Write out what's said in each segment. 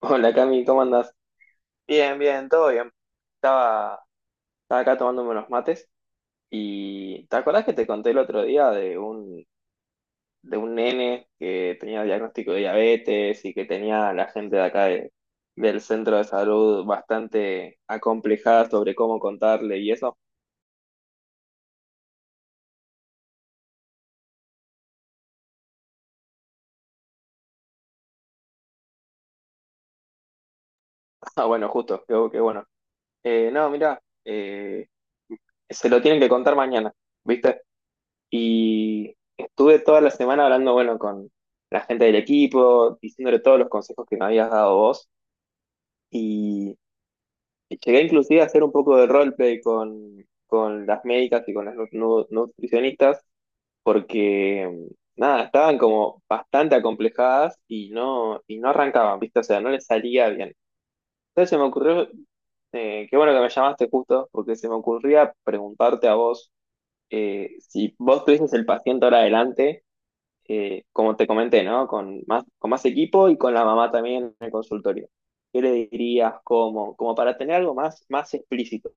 Hola Cami, ¿cómo andás? Bien, bien, todo bien. Estaba, estaba acá tomándome unos mates y ¿te acordás que te conté el otro día de de un nene que tenía diagnóstico de diabetes y que tenía a la gente de acá del centro de salud bastante acomplejada sobre cómo contarle y eso? Ah, bueno, justo, qué bueno. No, mirá, se lo tienen que contar mañana, ¿viste? Y estuve toda la semana hablando, bueno, con la gente del equipo, diciéndole todos los consejos que me habías dado vos. Y llegué inclusive a hacer un poco de roleplay con las médicas y con las nutricionistas, porque, nada, estaban como bastante acomplejadas y no arrancaban, ¿viste? O sea, no les salía bien. Entonces se me ocurrió, qué bueno que me llamaste justo, porque se me ocurría preguntarte a vos, si vos tuvieses el paciente ahora adelante, como te comenté, ¿no? Con más equipo y con la mamá también en el consultorio. ¿Qué le dirías? ¿Cómo? Como para tener algo más, más explícito.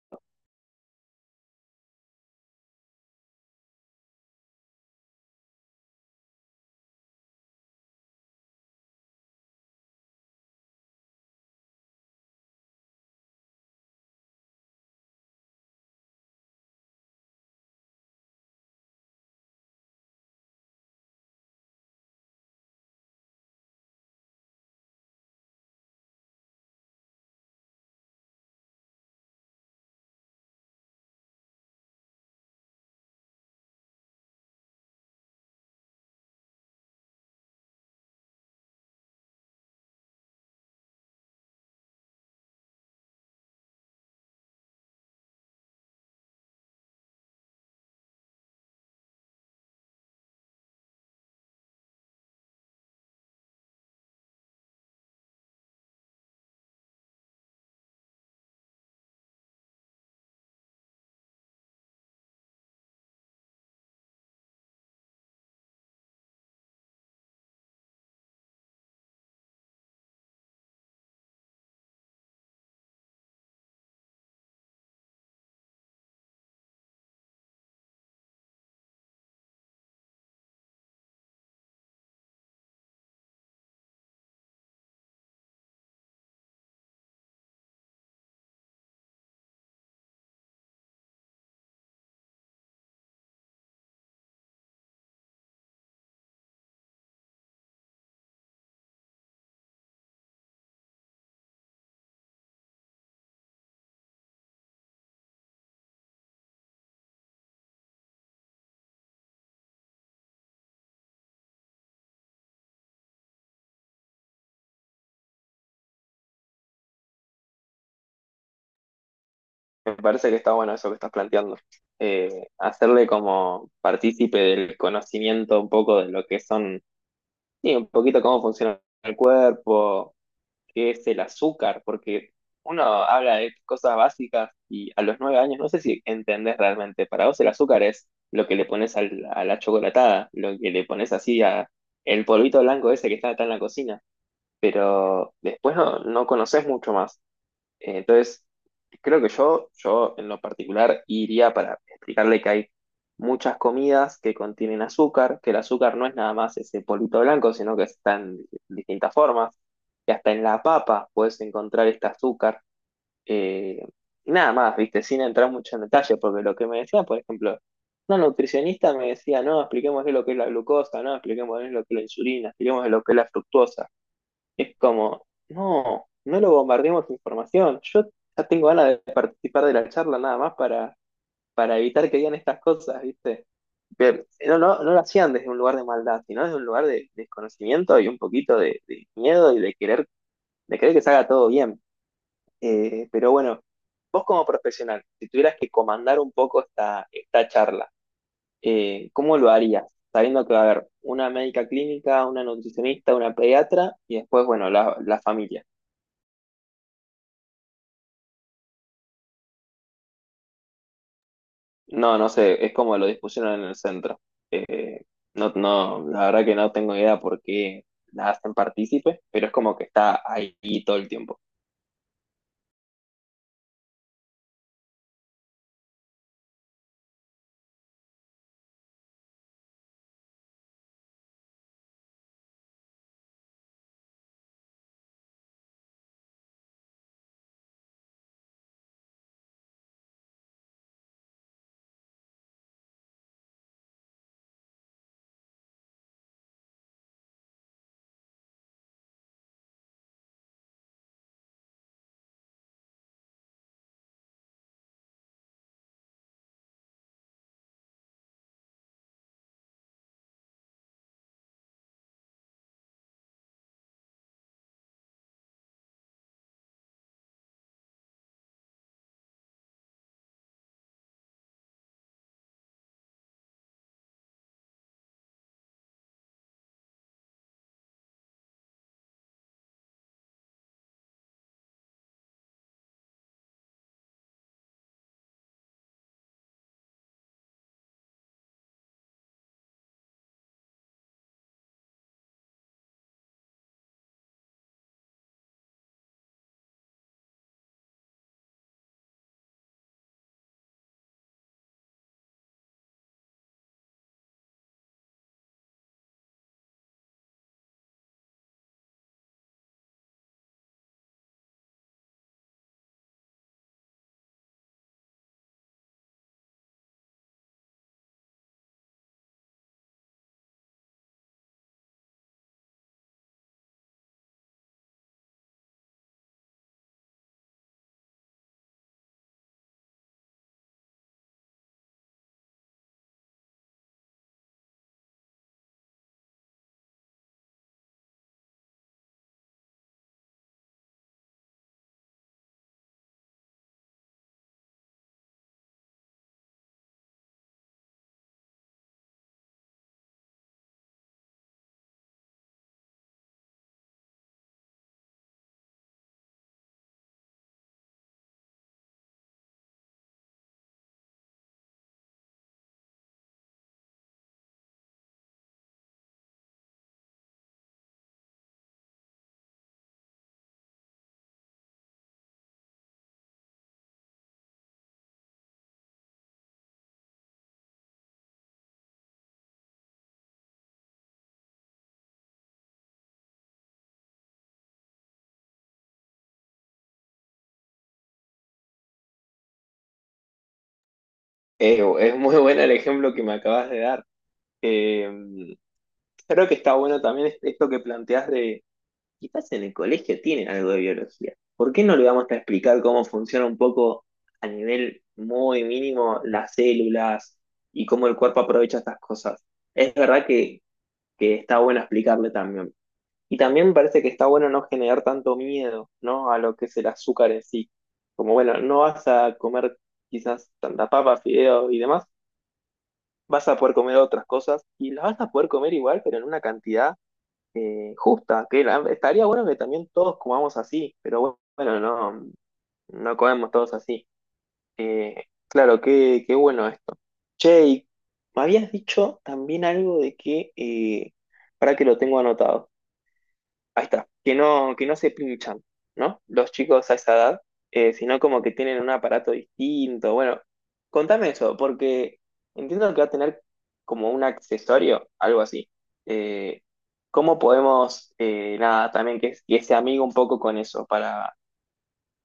Me parece que está bueno eso que estás planteando. Hacerle como partícipe del conocimiento un poco de lo que son, sí, un poquito cómo funciona el cuerpo, que es el azúcar, porque uno habla de cosas básicas y a los nueve años no sé si entendés realmente. Para vos el azúcar es lo que le pones a la chocolatada, lo que le pones así a el polvito blanco ese que está acá en la cocina, pero después no, no conoces mucho más. Entonces, creo que yo en lo particular iría para explicarle que hay muchas comidas que contienen azúcar, que el azúcar no es nada más ese polvito blanco, sino que está en distintas formas, que hasta en la papa puedes encontrar este azúcar. Eh, y nada más, viste, sin entrar mucho en detalle, porque lo que me decía, por ejemplo, una nutricionista me decía, no, expliquemos lo que es la glucosa, no, expliquemos lo que es la insulina, expliquemos lo que es la fructosa. Es como, no, no lo bombardeemos de información. Yo ya tengo ganas de participar de la charla nada más para evitar que digan estas cosas, ¿viste? Pero no, no, no lo hacían desde un lugar de maldad, sino desde un lugar de desconocimiento y un poquito de miedo y de querer que se haga todo bien. Pero bueno, vos como profesional, si tuvieras que comandar un poco esta, esta charla, ¿cómo lo harías? Sabiendo que va a haber una médica clínica, una nutricionista, una pediatra y después, bueno, la familia. No, no sé, es como lo dispusieron en el centro. Eh, no, no, la verdad que no tengo idea por qué la hacen partícipe, pero es como que está ahí todo el tiempo. Es muy bueno el ejemplo que me acabas de dar. Eh, Creo que está bueno también esto que planteas de, quizás en el colegio tienen algo de biología. ¿Por qué no le vamos a explicar cómo funciona un poco a nivel muy mínimo las células y cómo el cuerpo aprovecha estas cosas? Es verdad que está bueno explicarle también. Y también me parece que está bueno no generar tanto miedo, ¿no? A lo que es el azúcar en sí. Como bueno, no vas a comer quizás tanta papa, fideo y demás, vas a poder comer otras cosas y las vas a poder comer igual, pero en una cantidad justa. Que estaría bueno que también todos comamos así, pero bueno, no, no comemos todos así. Claro, qué bueno esto. Che, y me habías dicho también algo de que, para que lo tengo anotado. Ahí está, que no se pinchan, ¿no? Los chicos a esa edad, sino como que tienen un aparato distinto. Bueno, contame eso, porque entiendo que va a tener como un accesorio, algo así. Eh, ¿Cómo podemos, nada, también que se amigue un poco con eso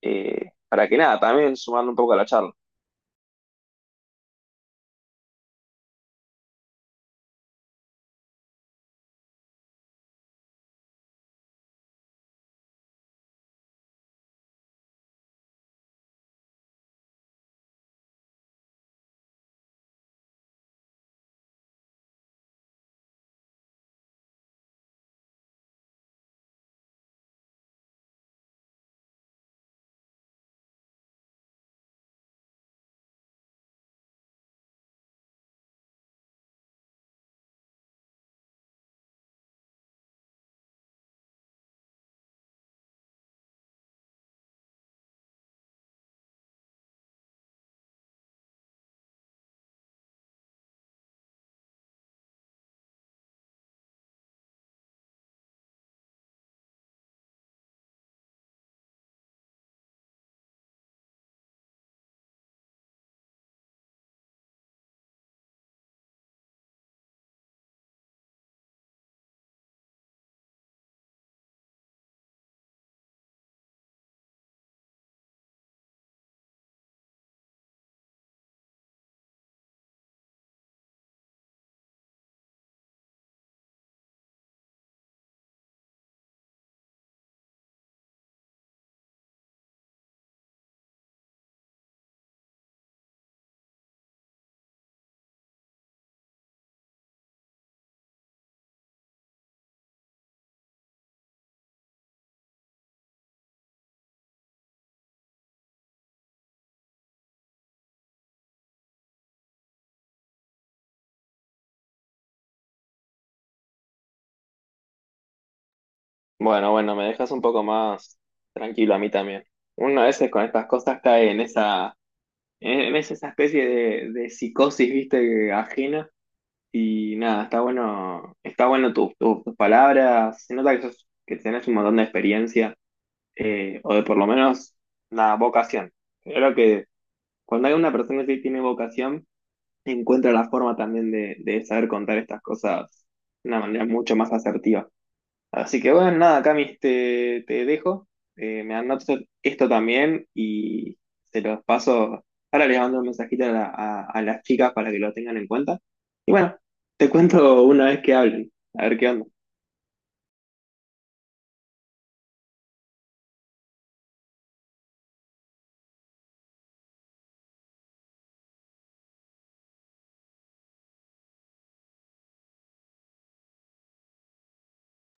para que nada, también sumarle un poco a la charla? Bueno, bueno, me dejas un poco más tranquilo a mí también. Uno a veces con estas cosas cae en en esa especie de psicosis, viste, ajena. Y nada, está bueno tus palabras. Se nota que tenés un montón de experiencia, o de por lo menos la vocación. Creo que cuando hay una persona que tiene vocación, encuentra la forma también de saber contar estas cosas de una manera mucho más asertiva. Así que bueno, nada, Camis, te dejo. Me anoto esto también y se los paso. Ahora les mando un mensajito a, a las chicas para que lo tengan en cuenta. Y bueno, te cuento una vez que hablen, a ver qué onda.